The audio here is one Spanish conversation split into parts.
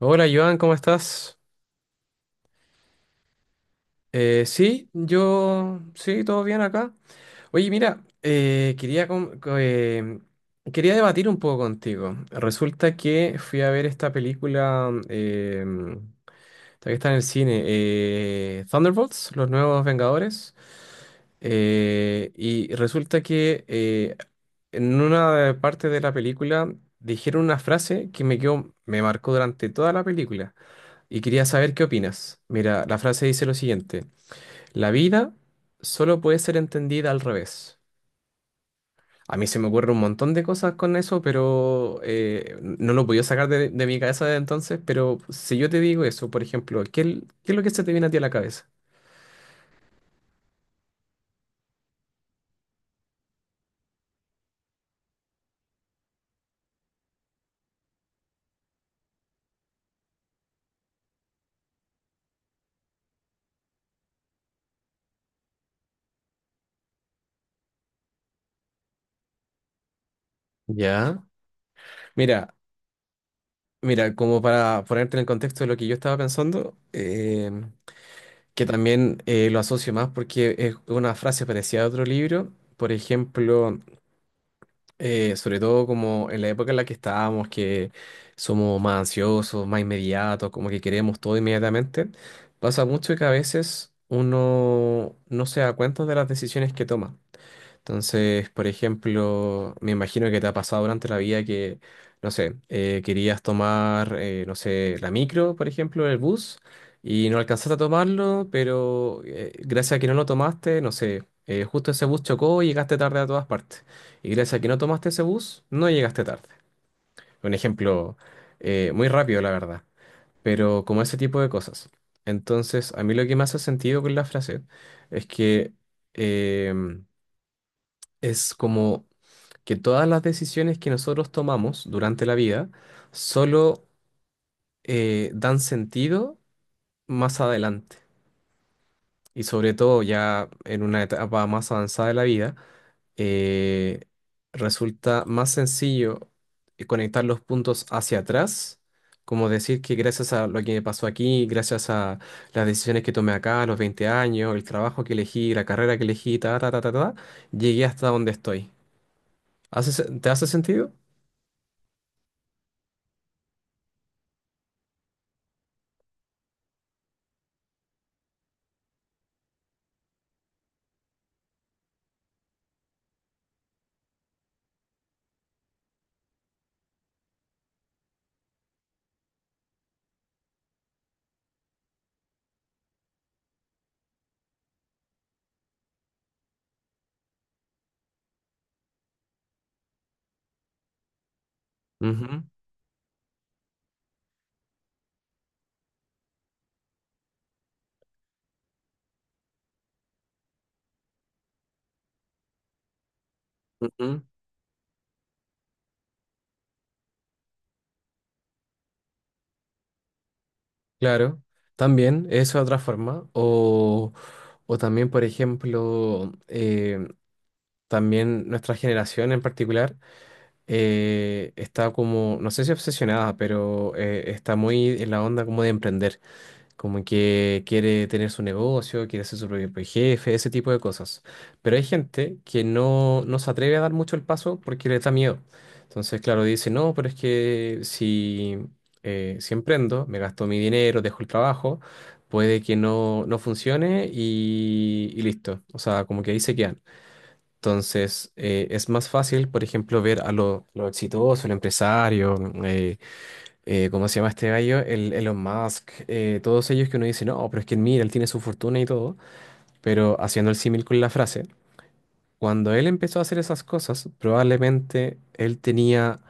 Hola Joan, ¿cómo estás? Sí, yo, sí, todo bien acá. Oye, mira, quería debatir un poco contigo. Resulta que fui a ver esta película, esta que está en el cine, Thunderbolts, Los Nuevos Vengadores. Y resulta que en una parte de la película dijeron una frase que me quedó, me marcó durante toda la película. Y quería saber qué opinas. Mira, la frase dice lo siguiente. La vida solo puede ser entendida al revés. A mí se me ocurre un montón de cosas con eso, pero no lo podía sacar de mi cabeza de entonces. Pero si yo te digo eso, por ejemplo, ¿qué es lo que se te viene a ti a la cabeza? Ya. Mira, mira, como para ponerte en el contexto de lo que yo estaba pensando, que también lo asocio más porque es una frase parecida a otro libro. Por ejemplo... Sobre todo como en la época en la que estábamos, que somos más ansiosos, más inmediatos, como que queremos todo inmediatamente, pasa mucho que a veces uno no se da cuenta de las decisiones que toma. Entonces, por ejemplo, me imagino que te ha pasado durante la vida que, no sé, querías tomar, no sé, la micro, por ejemplo, el bus, y no alcanzaste a tomarlo, pero gracias a que no lo tomaste, no sé, justo ese bus chocó y llegaste tarde a todas partes. Y gracias a que no tomaste ese bus, no llegaste tarde. Un ejemplo muy rápido, la verdad, pero como ese tipo de cosas. Entonces, a mí lo que me hace sentido con la frase es que em, es como que todas las decisiones que nosotros tomamos durante la vida solo dan sentido más adelante. Y sobre todo ya en una etapa más avanzada de la vida, eh, resulta más sencillo conectar los puntos hacia atrás, como decir que gracias a lo que me pasó aquí, gracias a las decisiones que tomé acá a los 20 años, el trabajo que elegí, la carrera que elegí, ta, ta, ta, ta, ta, llegué hasta donde estoy. ¿Te hace sentido? Ujú, ujú. Claro, también, eso de otra forma. O también, por ejemplo, también nuestra generación en particular está como, no sé si obsesionada, pero está muy en la onda como de emprender, como que quiere tener su negocio, quiere ser su propio jefe, ese tipo de cosas. Pero hay gente que no, no se atreve a dar mucho el paso porque le da miedo. Entonces, claro, dice, no, pero es que si, si emprendo, me gasto mi dinero, dejo el trabajo, puede que no, no funcione y listo. O sea, como que ahí se quedan. Entonces, es más fácil, por ejemplo, ver a lo exitoso, el empresario, eh, ¿cómo se llama este gallo? El Elon Musk, todos ellos que uno dice, no, pero es que mira, él tiene su fortuna y todo, pero haciendo el símil con la frase, cuando él empezó a hacer esas cosas, probablemente él tenía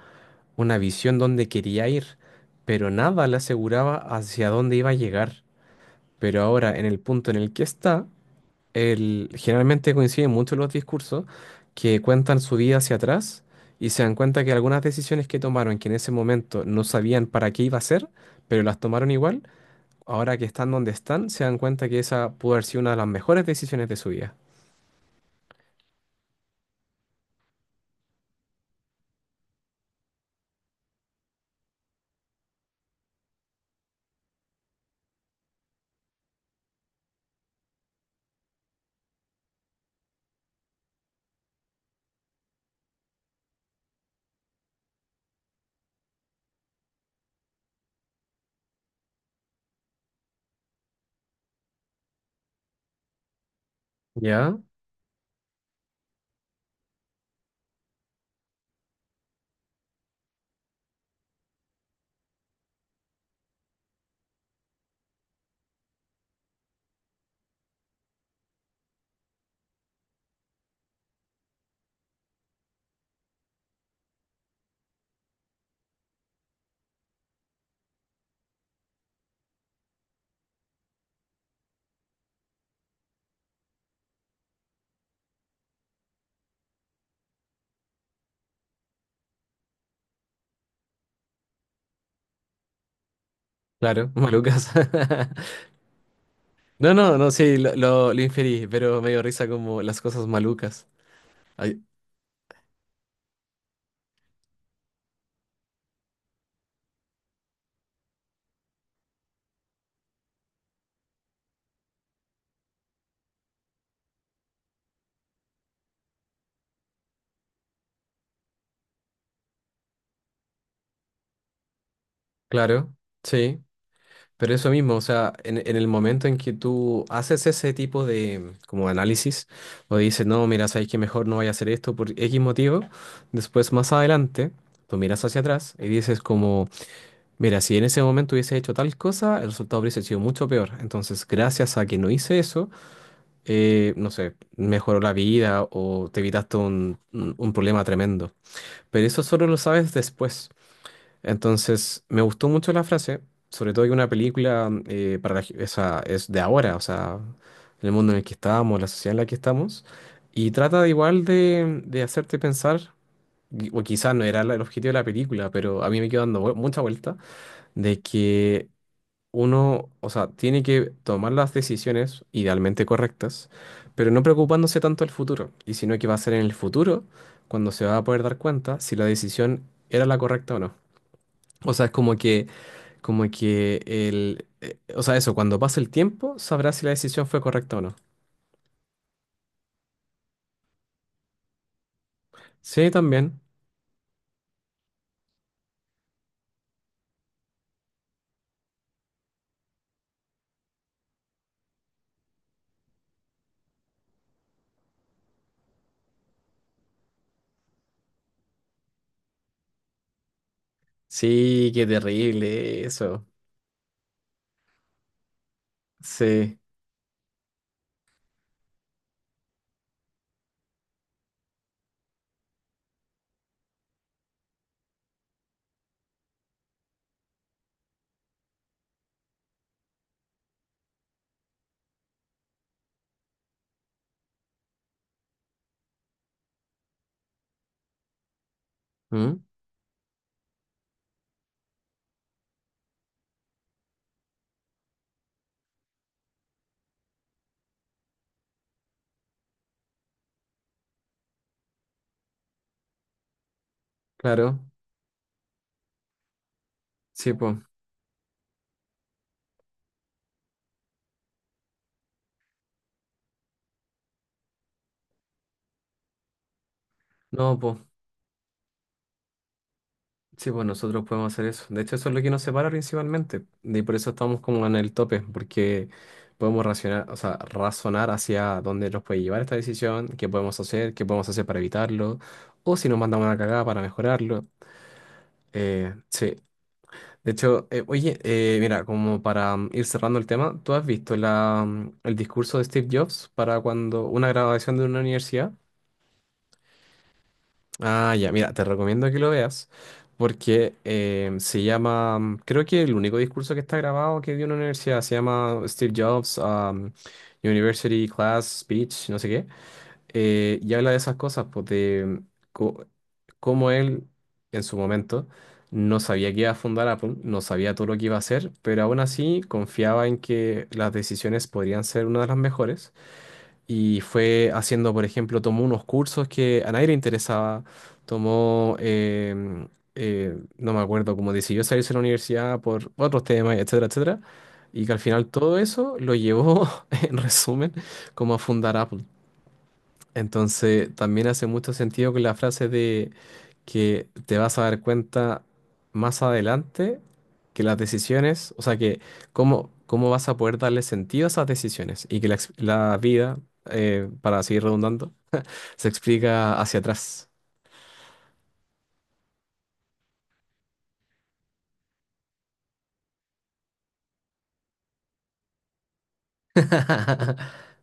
una visión donde quería ir, pero nada le aseguraba hacia dónde iba a llegar. Pero ahora, en el punto en el que está, generalmente coinciden mucho los discursos que cuentan su vida hacia atrás y se dan cuenta que algunas decisiones que tomaron, que en ese momento no sabían para qué iba a ser, pero las tomaron igual, ahora que están donde están, se dan cuenta que esa pudo haber sido una de las mejores decisiones de su vida. ¿Ya? Claro, malucas. No, no, no, sí, lo inferí, pero me dio risa como las cosas malucas. Ay, claro, sí. Pero eso mismo, o sea, en el momento en que tú haces ese tipo de como análisis o dices, no, mira, sabes que mejor no vaya a hacer esto por X motivo, después más adelante tú miras hacia atrás y dices como, mira, si en ese momento hubiese hecho tal cosa, el resultado hubiese sido mucho peor. Entonces, gracias a que no hice eso, no sé, mejoró la vida o te evitaste un problema tremendo. Pero eso solo lo sabes después. Entonces, me gustó mucho la frase, sobre todo que una película esa es de ahora, o sea, el mundo en el que estábamos, la sociedad en la que estamos, y trata de igual de hacerte pensar, o quizás no era el objetivo de la película, pero a mí me quedó mucha vuelta, de que uno, o sea, tiene que tomar las decisiones idealmente correctas, pero no preocupándose tanto del futuro, y sino que va a ser en el futuro cuando se va a poder dar cuenta si la decisión era la correcta o no. O sea, es como que el, o sea, eso, cuando pase el tiempo, sabrás si la decisión fue correcta o no. Sí, también. Sí, qué terrible eso. Sí. ¿Mm? Claro. Sí, pues. No, pues. Sí, pues nosotros podemos hacer eso. De hecho, eso es lo que nos separa principalmente. Y por eso estamos como en el tope, porque podemos racionar, o sea, razonar hacia dónde nos puede llevar esta decisión, qué podemos hacer para evitarlo, o si nos mandamos una cagada para mejorarlo. Sí. De hecho, oye, mira, como para ir cerrando el tema, ¿tú has visto la, el discurso de Steve Jobs para cuando una graduación de una universidad? Ah, ya, mira, te recomiendo que lo veas porque se llama, creo que el único discurso que está grabado que dio una universidad se llama Steve Jobs University Class Speech, no sé qué y habla de esas cosas, pues de co- cómo él en su momento no sabía que iba a fundar Apple, no sabía todo lo que iba a hacer, pero aún así confiaba en que las decisiones podrían ser una de las mejores. Y fue haciendo, por ejemplo, tomó unos cursos que a nadie le interesaba, tomó, no me acuerdo, como decidió salirse de la universidad por otros temas, etcétera, etcétera. Y que al final todo eso lo llevó, en resumen, como a fundar Apple. Entonces, también hace mucho sentido que la frase de que te vas a dar cuenta más adelante que las decisiones, o sea, que cómo, cómo vas a poder darle sentido a esas decisiones y que la vida, para seguir redundando, se explica hacia atrás.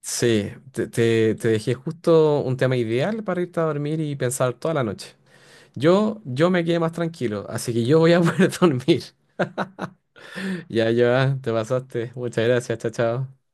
Sí, te, te dejé justo un tema ideal para irte a dormir y pensar toda la noche. Yo me quedé más tranquilo, así que yo voy a poder dormir. Ya, ya, te pasaste. Muchas gracias, chao, chao.